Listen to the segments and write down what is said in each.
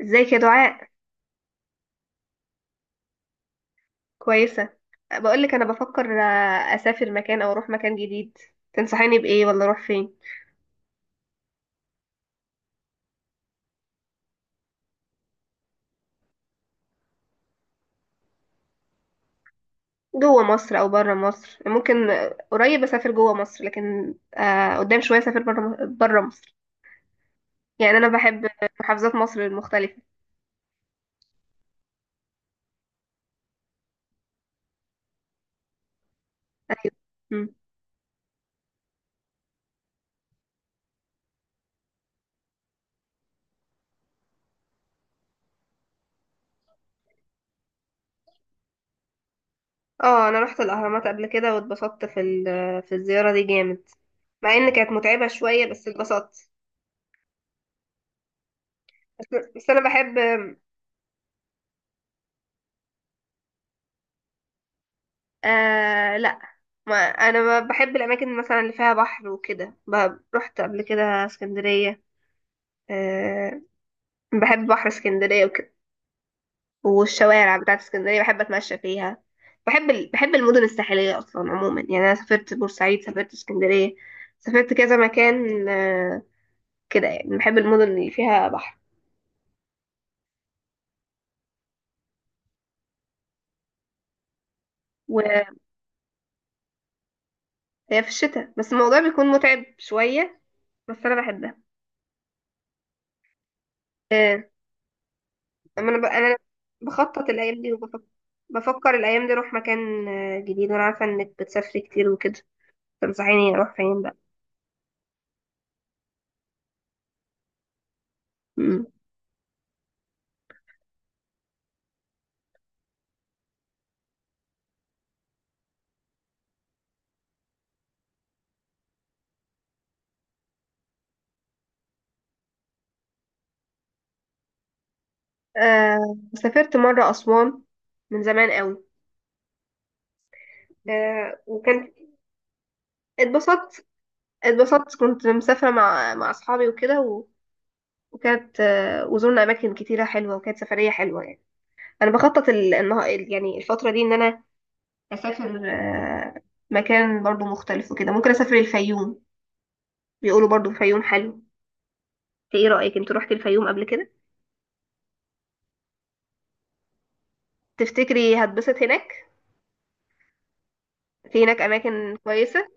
ازيك يا دعاء؟ كويسة. بقولك انا بفكر اسافر مكان او اروح مكان جديد. تنصحيني بايه ولا اروح فين؟ جوه مصر او بره مصر، ممكن قريب اسافر جوه مصر، لكن قدام شوية اسافر بره مصر. يعني انا بحب محافظات مصر المختلفة. ايوه. مم. اه، انا رحت الاهرامات قبل كده واتبسطت في في الزيارة دي جامد. مع ان كانت متعبة شوية، بس اتبسطت. بس بس انا بحب. آه، لا. ما انا ما بحب الاماكن مثلا اللي فيها بحر وكده، رحت قبل كده اسكندريه. آه. بحب بحر اسكندريه وكده، والشوارع بتاعت اسكندريه بحب اتمشى فيها. بحب المدن الساحليه اصلا عموما، يعني انا سافرت بورسعيد، سافرت اسكندريه، سافرت كذا مكان كده، يعني بحب المدن اللي فيها بحر. وهي في الشتاء، بس الموضوع بيكون متعب شويه، بس انا بحبها. آه، اما انا بخطط الايام دي وبفكر. بفكر الايام دي اروح مكان جديد، وانا عارفه انك بتسافري كتير وكده. تنصحيني اروح فين بقى؟ مم. سافرت مره اسوان، من زمان قوي. آه وكان اتبسطت اتبسطت كنت مسافره مع اصحابي وكده وكانت وزورنا اماكن كتيره حلوه، وكانت سفريه حلوه يعني. انا بخطط يعني الفتره دي ان انا اسافر مكان برضو مختلف وكده، ممكن اسافر الفيوم. بيقولوا برضو الفيوم حلو. ايه رأيك؟ انت روحتي الفيوم قبل كده؟ تفتكري هتبسط هناك؟ في هناك اماكن كويسة.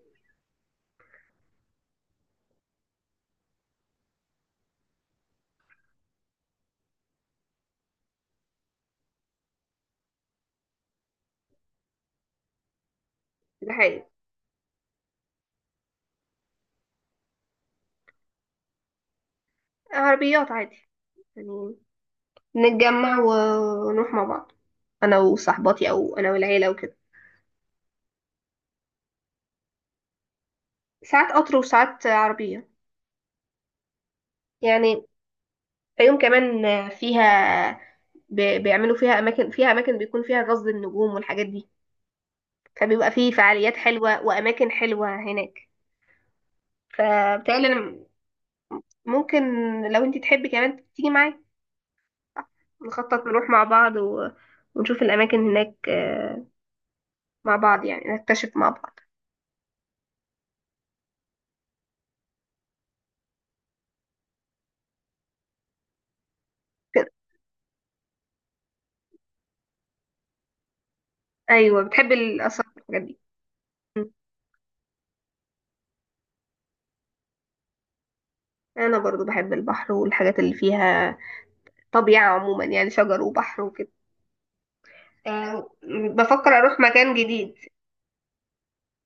ده حقيقي. عربيات عادي يعني. نتجمع ونروح مع بعض، انا وصاحباتي او انا والعيلة وكده. ساعات قطر وساعات عربية يعني. الفيوم كمان فيها، بيعملوا فيها اماكن بيكون فيها غزل النجوم والحاجات دي. فبيبقى فيه فعاليات حلوة واماكن حلوة هناك. فبتهيألي أنا ممكن، لو انت تحبي كمان تيجي معايا، نخطط نروح مع بعض ونشوف الأماكن هناك مع بعض، يعني نكتشف مع بعض كده. أيوة، بتحب الآثار والحاجات دي. م. أنا برضو بحب البحر والحاجات اللي فيها طبيعة عموما، يعني شجر وبحر وكده. آه، بفكر أروح مكان جديد،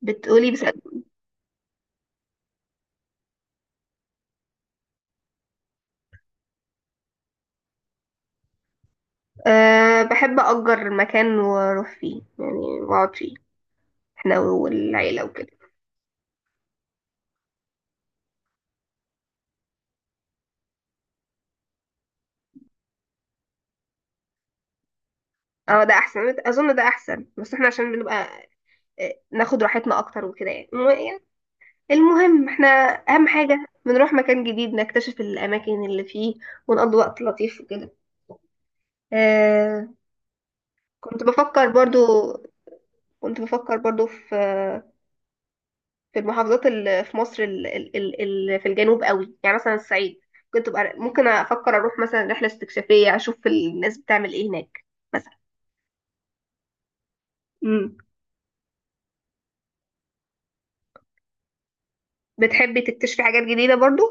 بتقولي بس. أه، بحب أجر مكان وأروح فيه يعني، وأقعد فيه احنا والعيلة وكده. اه، ده احسن، اظن ده احسن، بس احنا عشان بنبقى ناخد راحتنا اكتر وكده يعني. المهم احنا، اهم حاجة بنروح مكان جديد نكتشف الاماكن اللي فيه ونقضي وقت لطيف وكده. آه كنت بفكر برضو كنت بفكر برضو في المحافظات اللي في مصر اللي في الجنوب قوي، يعني مثلا الصعيد. كنت بقى ممكن افكر اروح مثلا رحلة استكشافية، اشوف الناس بتعمل ايه هناك مثلا. امم. بتحبي تكتشفي حاجات جديدة برضو؟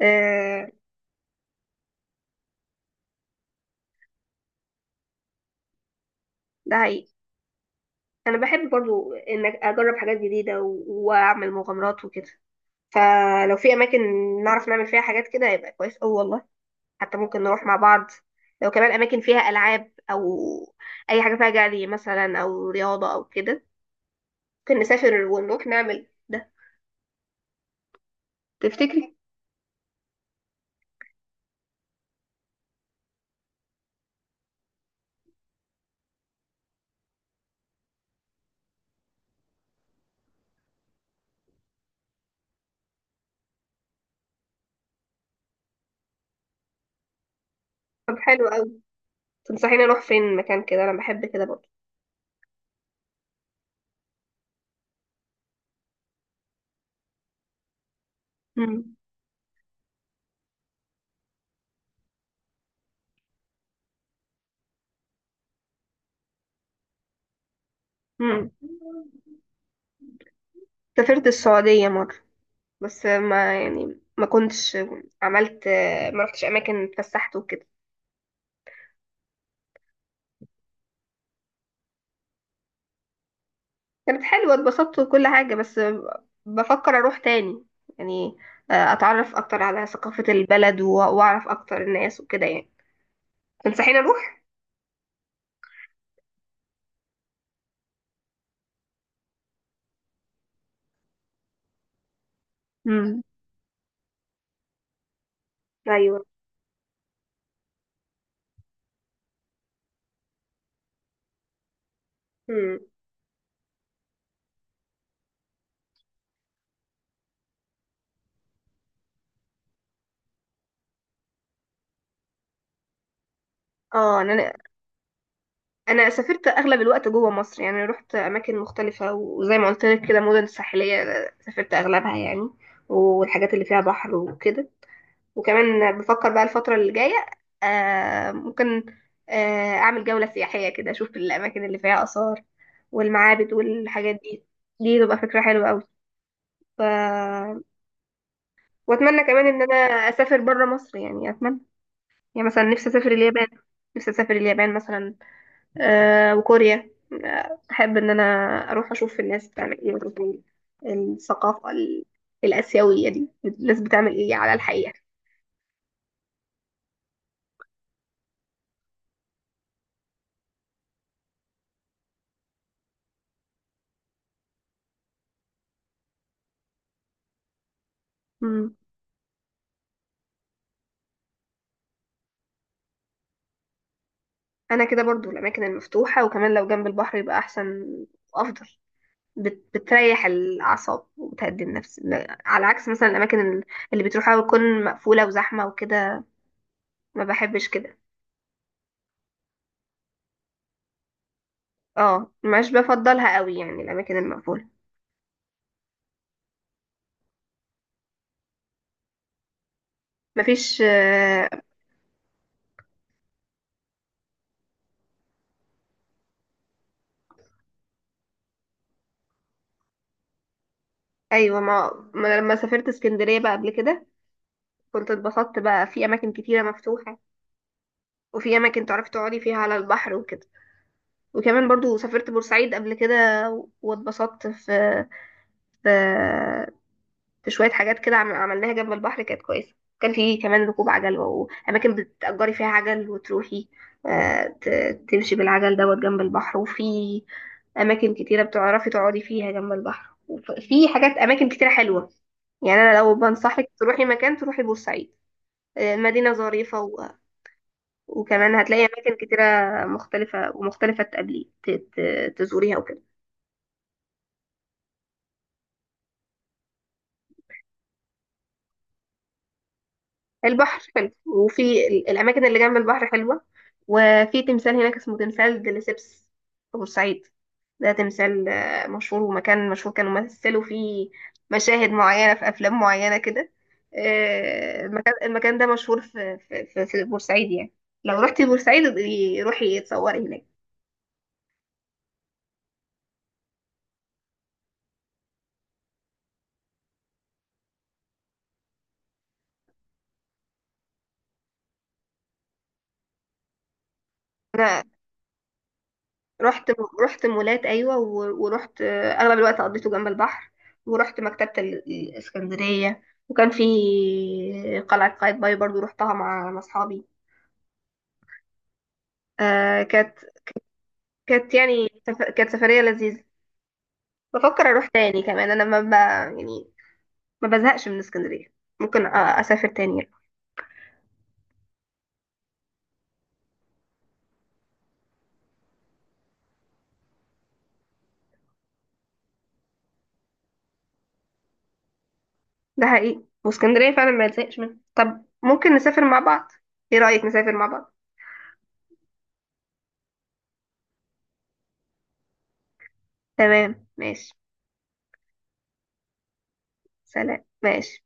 آه، ده حقيقي. انا بحب برضو ان اجرب حاجات جديدة واعمل مغامرات وكده. فلو في اماكن نعرف نعمل فيها حاجات كده، يبقى كويس أوي والله. حتى ممكن نروح مع بعض، لو كمان اماكن فيها العاب او اي حاجه فيها جري مثلا او رياضه او كده، ممكن نسافر ونروح نعمل ده. تفتكري؟ طب حلو أوي. تنصحيني اروح فين مكان كده؟ انا بحب كده برضه. مم. مم. سافرت السعوديه مره، بس ما يعني ما كنتش عملت، ما رحتش اماكن اتفسحت وكده. كانت حلوة، اتبسطت وكل حاجة، بس بفكر أروح تاني يعني. أتعرف أكتر على ثقافة البلد وأعرف أكتر الناس وكده يعني. تنصحيني أروح؟ مم. أيوة. مم. اه، انا سافرت اغلب الوقت جوه مصر، يعني رحت اماكن مختلفه وزي ما قلت لك كده مدن ساحليه. سافرت اغلبها يعني، والحاجات اللي فيها بحر وكده. وكمان بفكر بقى الفترة اللي جاية، ممكن أعمل جولة سياحية كده، أشوف الأماكن اللي فيها آثار والمعابد والحاجات دي. دي تبقى فكرة حلوة أوي. ف... وأتمنى كمان إن أنا أسافر برا مصر، يعني أتمنى. يعني مثلا نفسي أسافر اليابان مثلا. وكوريا. أحب إن أنا أروح أشوف الناس بتعمل إيه، وأشوف الثقافة الآسيوية دي، الناس بتعمل إيه على الحقيقة. انا كده برضو الاماكن المفتوحه، وكمان لو جنب البحر يبقى احسن وافضل. بتريح الاعصاب وبتهدي النفس، لا، على عكس مثلا الاماكن اللي بتروحها بتكون مقفوله وزحمه وكده. ما بحبش كده. اه، مش بفضلها قوي يعني الاماكن المقفوله. مفيش ايوه، ما أنا لما سافرت اسكندريه بقى قبل كده، كنت اتبسطت بقى في اماكن كتيره مفتوحه، وفي اماكن تعرفي تقعدي فيها على البحر وكده. وكمان برضو سافرت بورسعيد قبل كده، واتبسطت في في شوية حاجات كده عملناها جنب البحر، كانت كويسة. كان في كمان ركوب عجل وأماكن بتأجري فيها عجل وتروحي، تمشي بالعجل دوت جنب البحر، وفي أماكن كتيرة بتعرفي تقعدي فيها جنب البحر، وفي حاجات أماكن كتيرة حلوة. يعني أنا لو بنصحك تروحي مكان، تروحي بورسعيد. مدينة ظريفة وكمان هتلاقي أماكن كتيرة مختلفة ومختلفة تقابلي تزوريها وكده. البحر حلو، وفي الأماكن اللي جنب البحر حلوة. وفي تمثال هناك اسمه تمثال دليسيبس في بورسعيد. ده تمثال مشهور، ومكان مشهور كانوا مثلوا فيه مشاهد معينة في أفلام معينة كده. المكان ده مشهور في بورسعيد يعني. لو رحتي بورسعيد، ابقي روحي اتصوري هناك. رحت رحت مولات، ايوه، ورحت اغلب الوقت قضيته جنب البحر. ورحت مكتبه الاسكندريه. وكان في قلعه قايتباي، برضو رحتها مع اصحابي. آه كانت كانت يعني كانت سفريه لذيذه. بفكر اروح تاني كمان، انا ما ب... يعني ما بزهقش من اسكندريه، ممكن اسافر تاني يعني. ده حقيقي، واسكندريه فعلا ما بزهقش منها، طب ممكن نسافر مع بعض. ايه رايك نسافر مع بعض؟ تمام، ماشي. سلام، ماشي.